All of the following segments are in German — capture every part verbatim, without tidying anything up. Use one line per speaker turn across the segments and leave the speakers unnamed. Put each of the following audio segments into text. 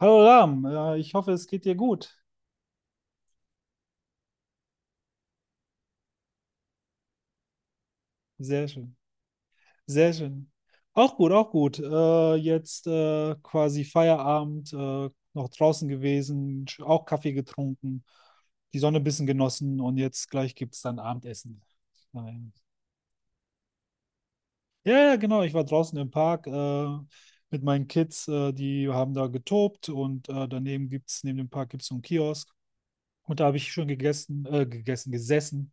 Hallo Ram, äh, ich hoffe, es geht dir gut. Sehr schön, sehr schön. Auch gut, auch gut. Äh, jetzt äh, quasi Feierabend, äh, noch draußen gewesen, sch- auch Kaffee getrunken, die Sonne ein bisschen genossen und jetzt gleich gibt es dann Abendessen. Nein. Ja, ja, genau. Ich war draußen im Park äh, mit meinen Kids, äh, die haben da getobt und äh, daneben gibt es, neben dem Park gibt es so einen Kiosk. Und da habe ich schön gegessen, äh, gegessen, gesessen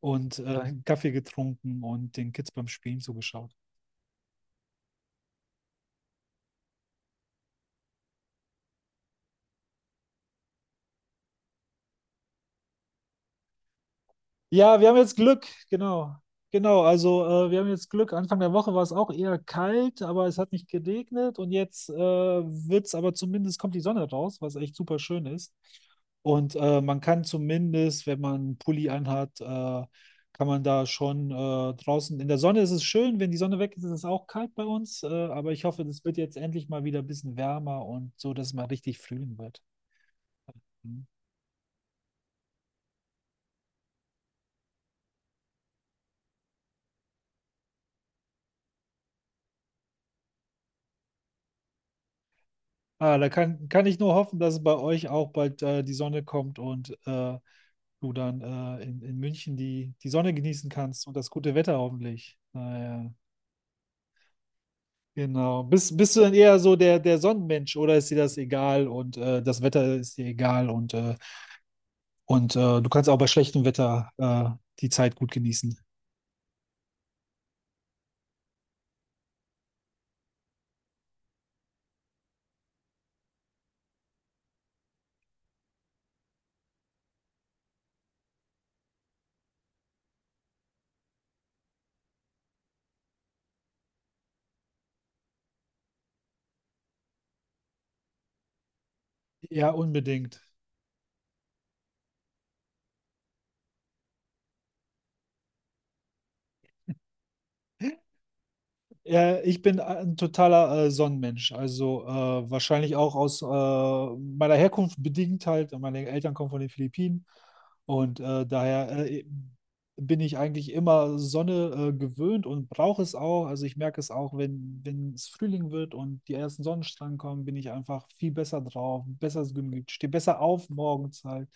und äh, Kaffee getrunken und den Kids beim Spielen zugeschaut. Ja, wir haben jetzt Glück, genau. Genau, also äh, wir haben jetzt Glück. Anfang der Woche war es auch eher kalt, aber es hat nicht geregnet und jetzt äh, wird aber zumindest kommt die Sonne raus, was echt super schön ist. Und äh, man kann zumindest, wenn man einen Pulli anhat, äh, kann man da schon äh, draußen. In der Sonne ist es schön, wenn die Sonne weg ist, ist es auch kalt bei uns. Äh, aber ich hoffe, es wird jetzt endlich mal wieder ein bisschen wärmer und so, dass es mal richtig früh wird. Hm. Ah, da kann, kann ich nur hoffen, dass bei euch auch bald äh, die Sonne kommt und äh, du dann äh, in, in München die, die Sonne genießen kannst und das gute Wetter hoffentlich. Naja, genau. Bist, bist du dann eher so der, der Sonnenmensch oder ist dir das egal und äh, das Wetter ist dir egal und, äh, und äh, du kannst auch bei schlechtem Wetter äh, die Zeit gut genießen? Ja, unbedingt. Ja, ich bin ein totaler äh, Sonnenmensch. Also äh, wahrscheinlich auch aus äh, meiner Herkunft bedingt halt. Meine Eltern kommen von den Philippinen und äh, daher äh, bin ich eigentlich immer Sonne äh, gewöhnt und brauche es auch. Also ich merke es auch, wenn, wenn es Frühling wird und die ersten Sonnenstrahlen kommen, bin ich einfach viel besser drauf, besser gemütlich, stehe besser auf morgens halt.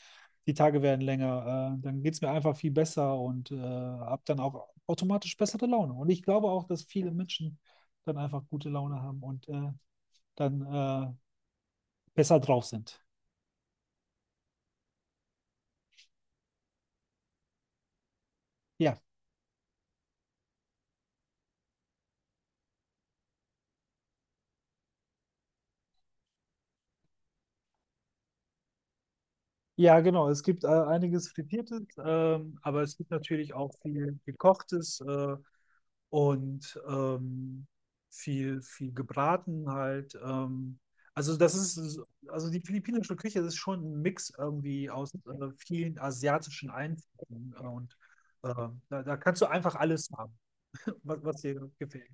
Die Tage werden länger, äh, dann geht es mir einfach viel besser und äh, habe dann auch automatisch bessere Laune. Und ich glaube auch, dass viele Menschen dann einfach gute Laune haben und äh, dann äh, besser drauf sind. Ja. Ja, genau. Es gibt äh, einiges Frittiertes, ähm, aber es gibt natürlich auch viel Gekochtes äh, und ähm, viel, viel gebraten halt. Ähm, also das ist, also die philippinische Küche ist schon ein Mix irgendwie aus äh, vielen asiatischen Einflüssen. Äh, und äh, da, da kannst du einfach alles haben, was, was dir gefällt.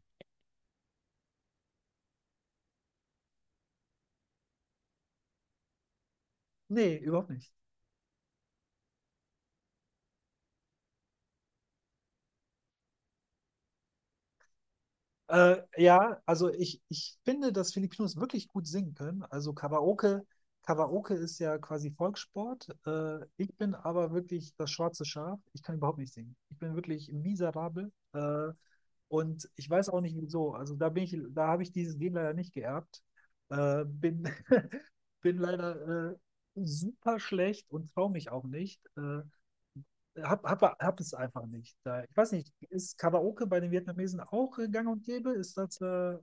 Nee, überhaupt nicht. Äh, ja, also ich, ich finde, dass Filipinos wirklich gut singen können. Also Karaoke, Karaoke ist ja quasi Volkssport. Äh, ich bin aber wirklich das schwarze Schaf. Ich kann überhaupt nicht singen. Ich bin wirklich miserabel. Äh, und ich weiß auch nicht wieso. Also da bin ich, da habe ich dieses Gen leider nicht geerbt. Äh, bin, bin leider äh, super schlecht und traue mich auch nicht. Äh, hab, hab, hab es einfach nicht. Da, ich weiß nicht, ist Karaoke bei den Vietnamesen auch äh, gang und gäbe? Ist das. Äh,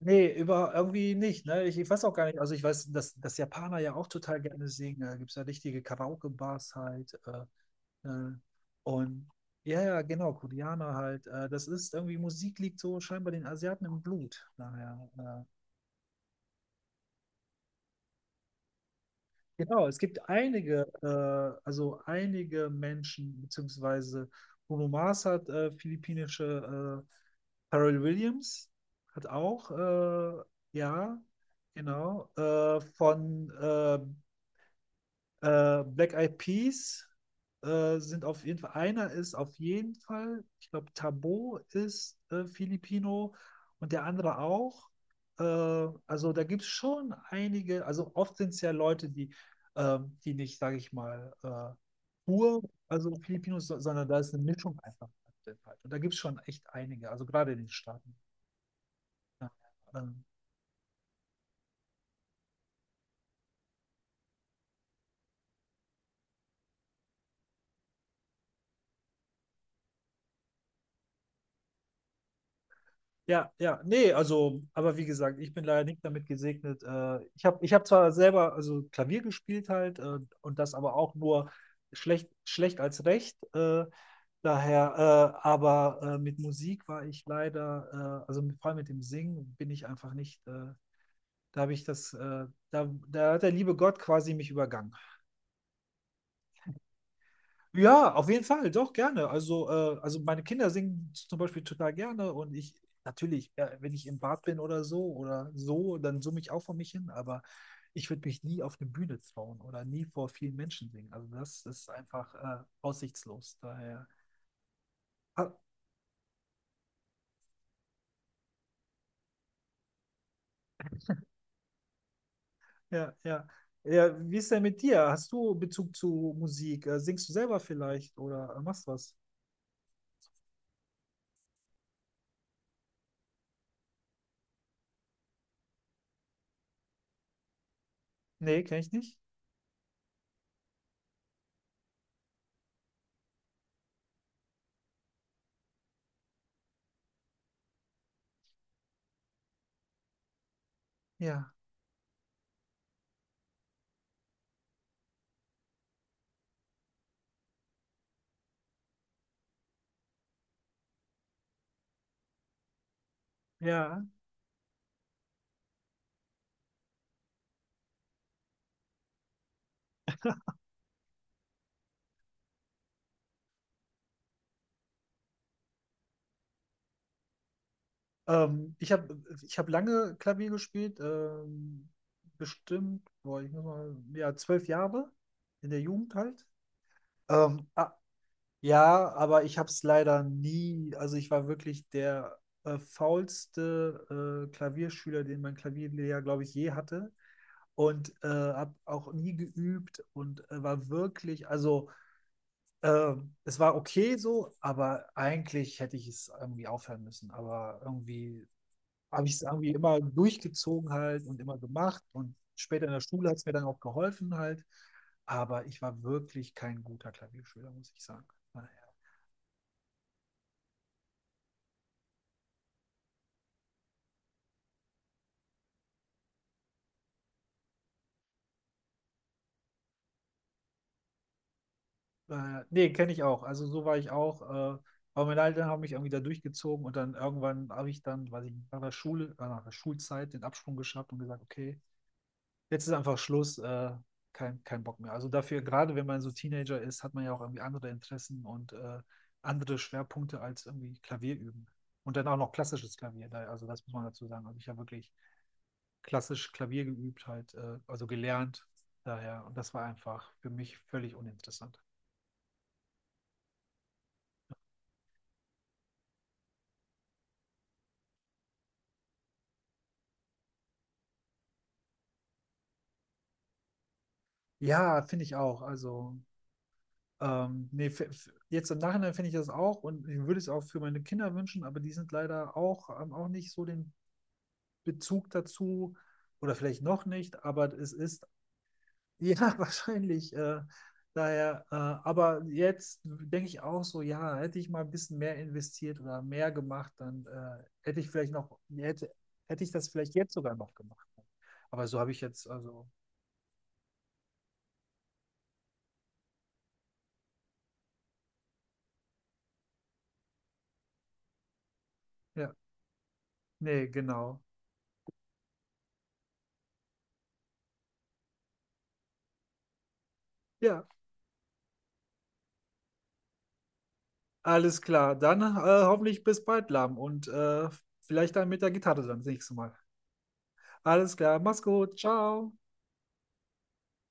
nee, über, irgendwie nicht. Ne? Ich, ich weiß auch gar nicht. Also, ich weiß, dass, dass Japaner ja auch total gerne singen. Da gibt es ja richtige Karaoke-Bars halt. Äh, äh, und ja, ja, genau, Koreaner halt. Äh, das ist irgendwie, Musik liegt so scheinbar den Asiaten im Blut. Daher. Äh, genau, es gibt einige, äh, also einige Menschen, beziehungsweise. Bruno Mars hat äh, philippinische äh, Pharrell Williams hat auch, äh, ja, genau, äh, von äh, äh, Black Eyed Peas äh, sind auf jeden Fall, einer ist auf jeden Fall, ich glaube, Tabo ist äh, Filipino und der andere auch. Äh, also da gibt es schon einige, also oft sind es ja Leute, die, ähm, die nicht, sage ich mal, äh, pur, also Filipinos, so- sondern da ist eine Mischung einfach. Drin halt. Und da gibt es schon echt einige, also gerade in den Staaten. Ja, ähm, ja, ja, nee, also, aber wie gesagt, ich bin leider nicht damit gesegnet. Äh, ich habe ich hab zwar selber also Klavier gespielt halt äh, und das aber auch nur schlecht, schlecht als recht. Äh, daher, äh, aber äh, mit Musik war ich leider, äh, also mit- vor allem mit dem Singen bin ich einfach nicht, äh, da habe ich das, äh, da, da hat der liebe Gott quasi mich übergangen. Ja, auf jeden Fall, doch, gerne. Also, äh, also meine Kinder singen zum Beispiel total gerne und ich natürlich, äh, wenn ich im Bad bin oder so oder so, dann summe ich auch vor mich hin, aber ich würde mich nie auf eine Bühne trauen oder nie vor vielen Menschen singen. Also das ist einfach äh, aussichtslos. Daher. Ah, ja, ja. Ja, wie ist denn mit dir? Hast du Bezug zu Musik? Äh, singst du selber vielleicht oder äh, machst was? Nee, kenne ich nicht. Ja, ja. Ähm, ich habe ich hab lange Klavier gespielt, ähm, bestimmt, boah, ich muss mal, ja, zwölf Jahre in der Jugend halt. Ähm, ah, ja, aber ich habe es leider nie, also ich war wirklich der äh, faulste äh, Klavierschüler, den mein Klavierlehrer, glaube ich, je hatte. Und äh, habe auch nie geübt und äh, war wirklich, also ähm, es war okay so, aber eigentlich hätte ich es irgendwie aufhören müssen. Aber irgendwie habe ich es irgendwie immer durchgezogen halt und immer gemacht. Und später in der Schule hat es mir dann auch geholfen halt. Aber ich war wirklich kein guter Klavierschüler, muss ich sagen. Naja. Äh, nee, kenne ich auch. Also so war ich auch. Äh, aber meine Eltern haben mich irgendwie da durchgezogen und dann irgendwann habe ich dann, weiß ich, nicht, nach der Schule, äh, nach der Schulzeit den Absprung geschafft und gesagt, okay, jetzt ist einfach Schluss, äh, kein, kein Bock mehr. Also dafür, gerade wenn man so Teenager ist, hat man ja auch irgendwie andere Interessen und äh, andere Schwerpunkte als irgendwie Klavier üben. Und dann auch noch klassisches Klavier. Da- Also das muss man dazu sagen. Also ich habe wirklich klassisch Klavier geübt, halt, äh, also gelernt daher. Und das war einfach für mich völlig uninteressant. Ja, finde ich auch. Also, ähm, nee, f- f- jetzt im Nachhinein finde ich das auch und ich würde es auch für meine Kinder wünschen, aber die sind leider auch, haben auch nicht so den Bezug dazu oder vielleicht noch nicht, aber es ist ja wahrscheinlich äh, daher. Äh, aber jetzt denke ich auch so, ja, hätte ich mal ein bisschen mehr investiert oder mehr gemacht, dann äh, hätte ich vielleicht noch, hätte, hätte ich das vielleicht jetzt sogar noch gemacht. Aber so habe ich jetzt, also, ja, nee, genau. Ja, alles klar. Dann äh, hoffentlich bis bald, Lam. Und äh, vielleicht dann mit der Gitarre dann das nächste Mal. Alles klar, mach's gut. Ciao.